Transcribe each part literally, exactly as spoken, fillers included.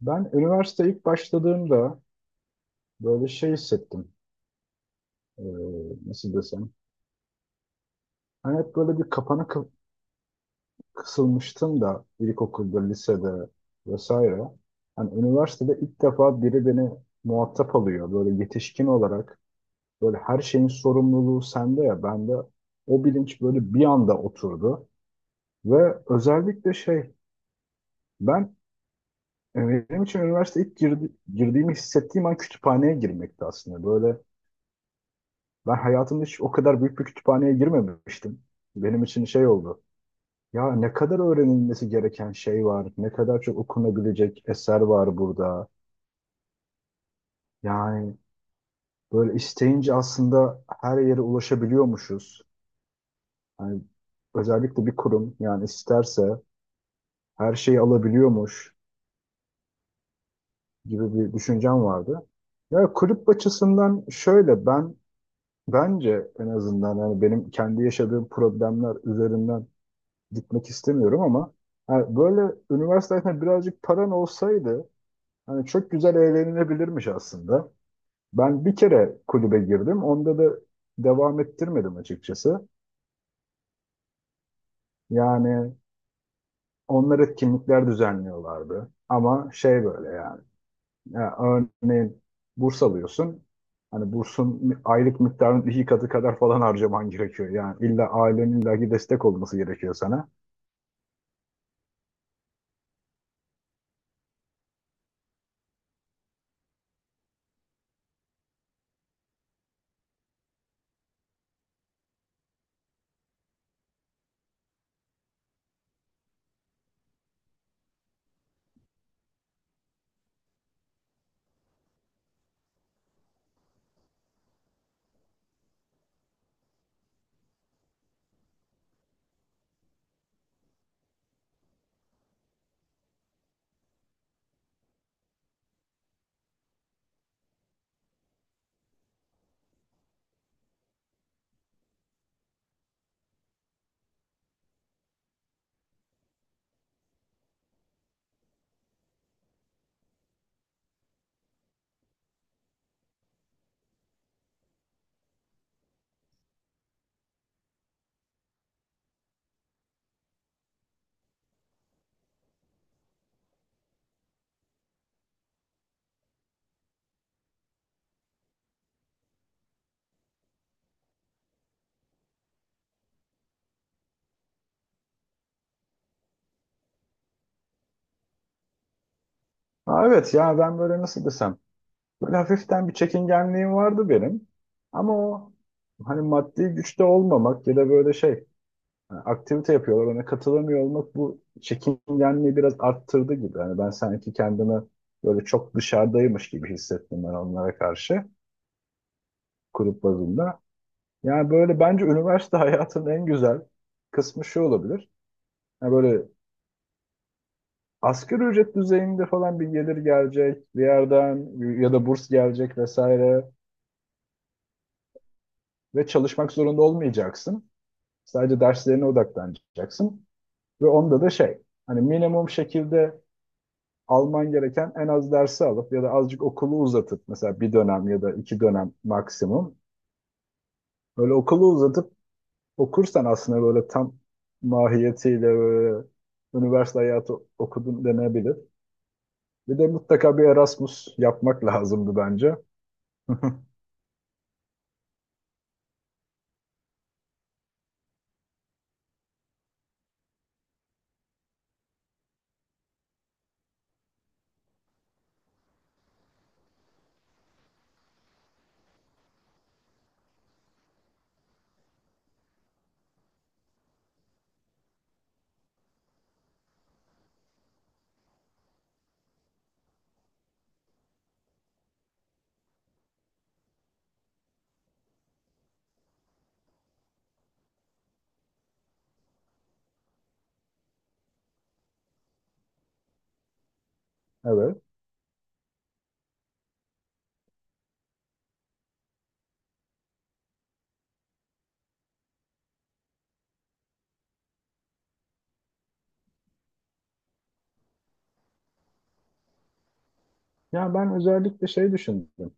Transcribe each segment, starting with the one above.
Ben üniversite ilk başladığımda böyle şey hissettim. Ee, Nasıl desem. Hani hep böyle bir kapana kı- kısılmıştım da ilkokulda, lisede vesaire. Hani üniversitede ilk defa biri beni muhatap alıyor. Böyle yetişkin olarak böyle her şeyin sorumluluğu sende ya. Bende o bilinç böyle bir anda oturdu. Ve özellikle şey ben e, benim için üniversite ilk girdi- girdiğimi hissettiğim an kütüphaneye girmekti aslında. Böyle ben hayatımda hiç o kadar büyük bir kütüphaneye girmemiştim. Benim için şey oldu. Ya ne kadar öğrenilmesi gereken şey var, ne kadar çok okunabilecek eser var burada. Yani böyle isteyince aslında her yere ulaşabiliyormuşuz. Yani özellikle bir kurum yani isterse her şeyi alabiliyormuş gibi bir düşüncem vardı. Ya kulüp açısından şöyle ben, bence en azından hani benim kendi yaşadığım problemler üzerinden gitmek istemiyorum ama yani böyle üniversite hayatında birazcık paran olsaydı hani çok güzel eğlenilebilirmiş aslında. Ben bir kere kulübe girdim. Onda da devam ettirmedim açıkçası. Yani onlar etkinlikler düzenliyorlardı. Ama şey böyle yani. Ya örneğin burs alıyorsun. Hani bursun aylık miktarının iki katı kadar falan harcaman gerekiyor. Yani illa ailenin illaki destek olması gerekiyor sana. Ha, evet ya ben böyle nasıl desem, böyle hafiften bir çekingenliğim vardı benim. Ama o hani maddi güçte olmamak ya da böyle şey hani aktivite yapıyorlar ona katılamıyor olmak bu çekingenliği biraz arttırdı gibi. Yani ben sanki kendimi böyle çok dışarıdaymış gibi hissettim ben onlara karşı grup bazında. Yani böyle bence üniversite hayatının en güzel kısmı şu olabilir. Yani böyle asgari ücret düzeyinde falan bir gelir gelecek bir yerden ya da burs gelecek vesaire ve çalışmak zorunda olmayacaksın. Sadece derslerine odaklanacaksın. Ve onda da şey, hani minimum şekilde alman gereken en az dersi alıp ya da azıcık okulu uzatıp mesela bir dönem ya da iki dönem maksimum. Böyle okulu uzatıp okursan aslında böyle tam mahiyetiyle böyle üniversite hayatı okudun denebilir. Bir de mutlaka bir Erasmus yapmak lazımdı bence. Evet. Ya ben özellikle şey düşündüm.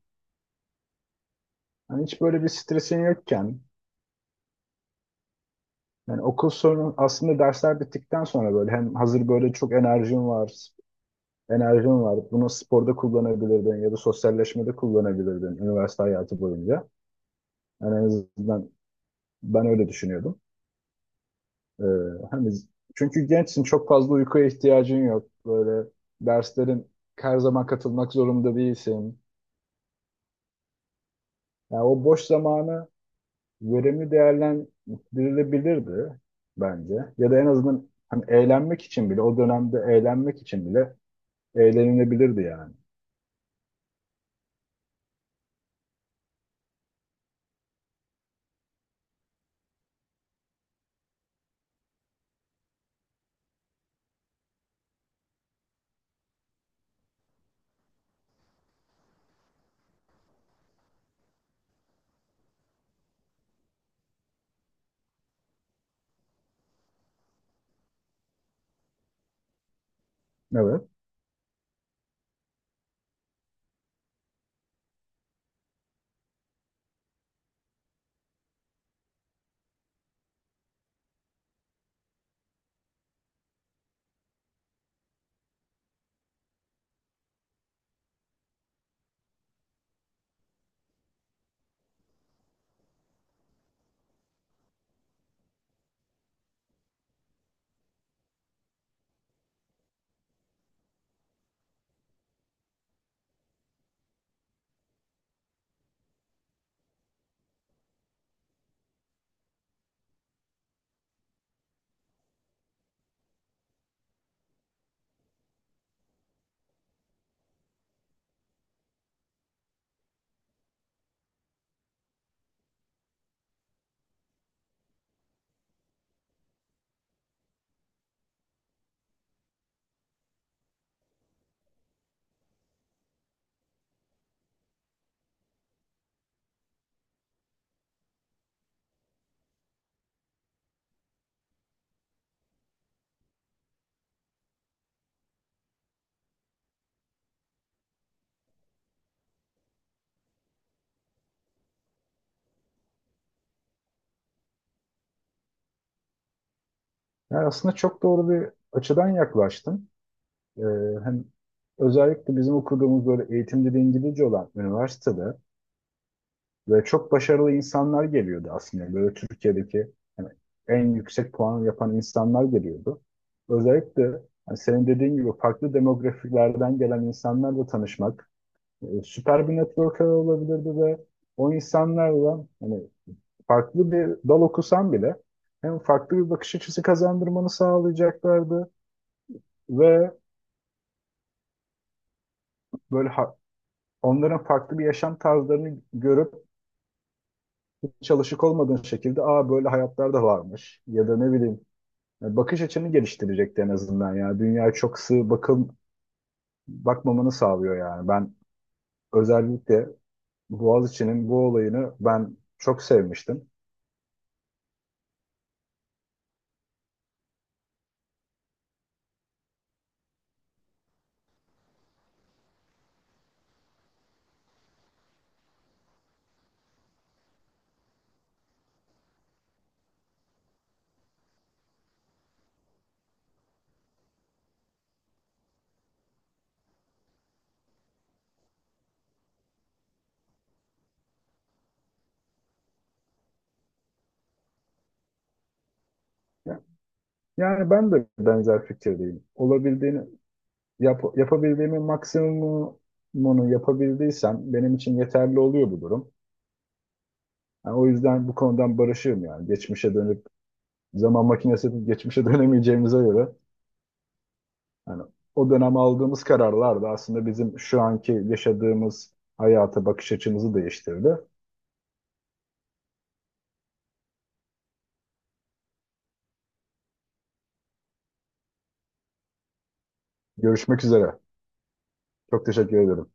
Hani hiç böyle bir stresin yokken, yani okul sorunu aslında dersler bittikten sonra böyle hem hazır böyle çok enerjin var, enerjin var. Bunu sporda kullanabilirdin ya da sosyalleşmede kullanabilirdin üniversite hayatı boyunca. Yani en azından ben öyle düşünüyordum. Ee, Hani çünkü gençsin, çok fazla uykuya ihtiyacın yok. Böyle derslerin her zaman katılmak zorunda değilsin. Yani o boş zamanı verimli değerlendirilebilirdi bence. Ya da en azından hani eğlenmek için bile o dönemde eğlenmek için bile eğlenilebilirdi yani. Evet. Yani aslında çok doğru bir açıdan yaklaştın. Ee, Hem özellikle bizim okuduğumuz böyle eğitim dili İngilizce olan üniversitede ve çok başarılı insanlar geliyordu aslında. Böyle Türkiye'deki hani en yüksek puan yapan insanlar geliyordu. Özellikle hani senin dediğin gibi farklı demografilerden gelen insanlarla tanışmak e, süper bir networker olabilirdi ve o insanlarla hani farklı bir dal okusan bile hem farklı bir bakış açısı kazandırmanı sağlayacaklardı ve böyle ha- onların farklı bir yaşam tarzlarını görüp çalışık olmadığın şekilde aa böyle hayatlar da varmış ya da ne bileyim yani bakış açını geliştirecekti en azından. Yani dünyaya çok sığ bakım bakmamanı sağlıyor. Yani ben özellikle Boğaziçi'nin bu olayını ben çok sevmiştim. Yani ben de benzer fikirdeyim. Olabildiğini Yap, yapabildiğimin maksimumunu yapabildiysem benim için yeterli oluyor bu durum. Yani o yüzden bu konudan barışığım yani. Geçmişe dönüp zaman makinesi yapıp geçmişe dönemeyeceğimize göre yani o dönem aldığımız kararlar da aslında bizim şu anki yaşadığımız hayata bakış açımızı değiştirdi. Görüşmek üzere. Çok teşekkür ederim.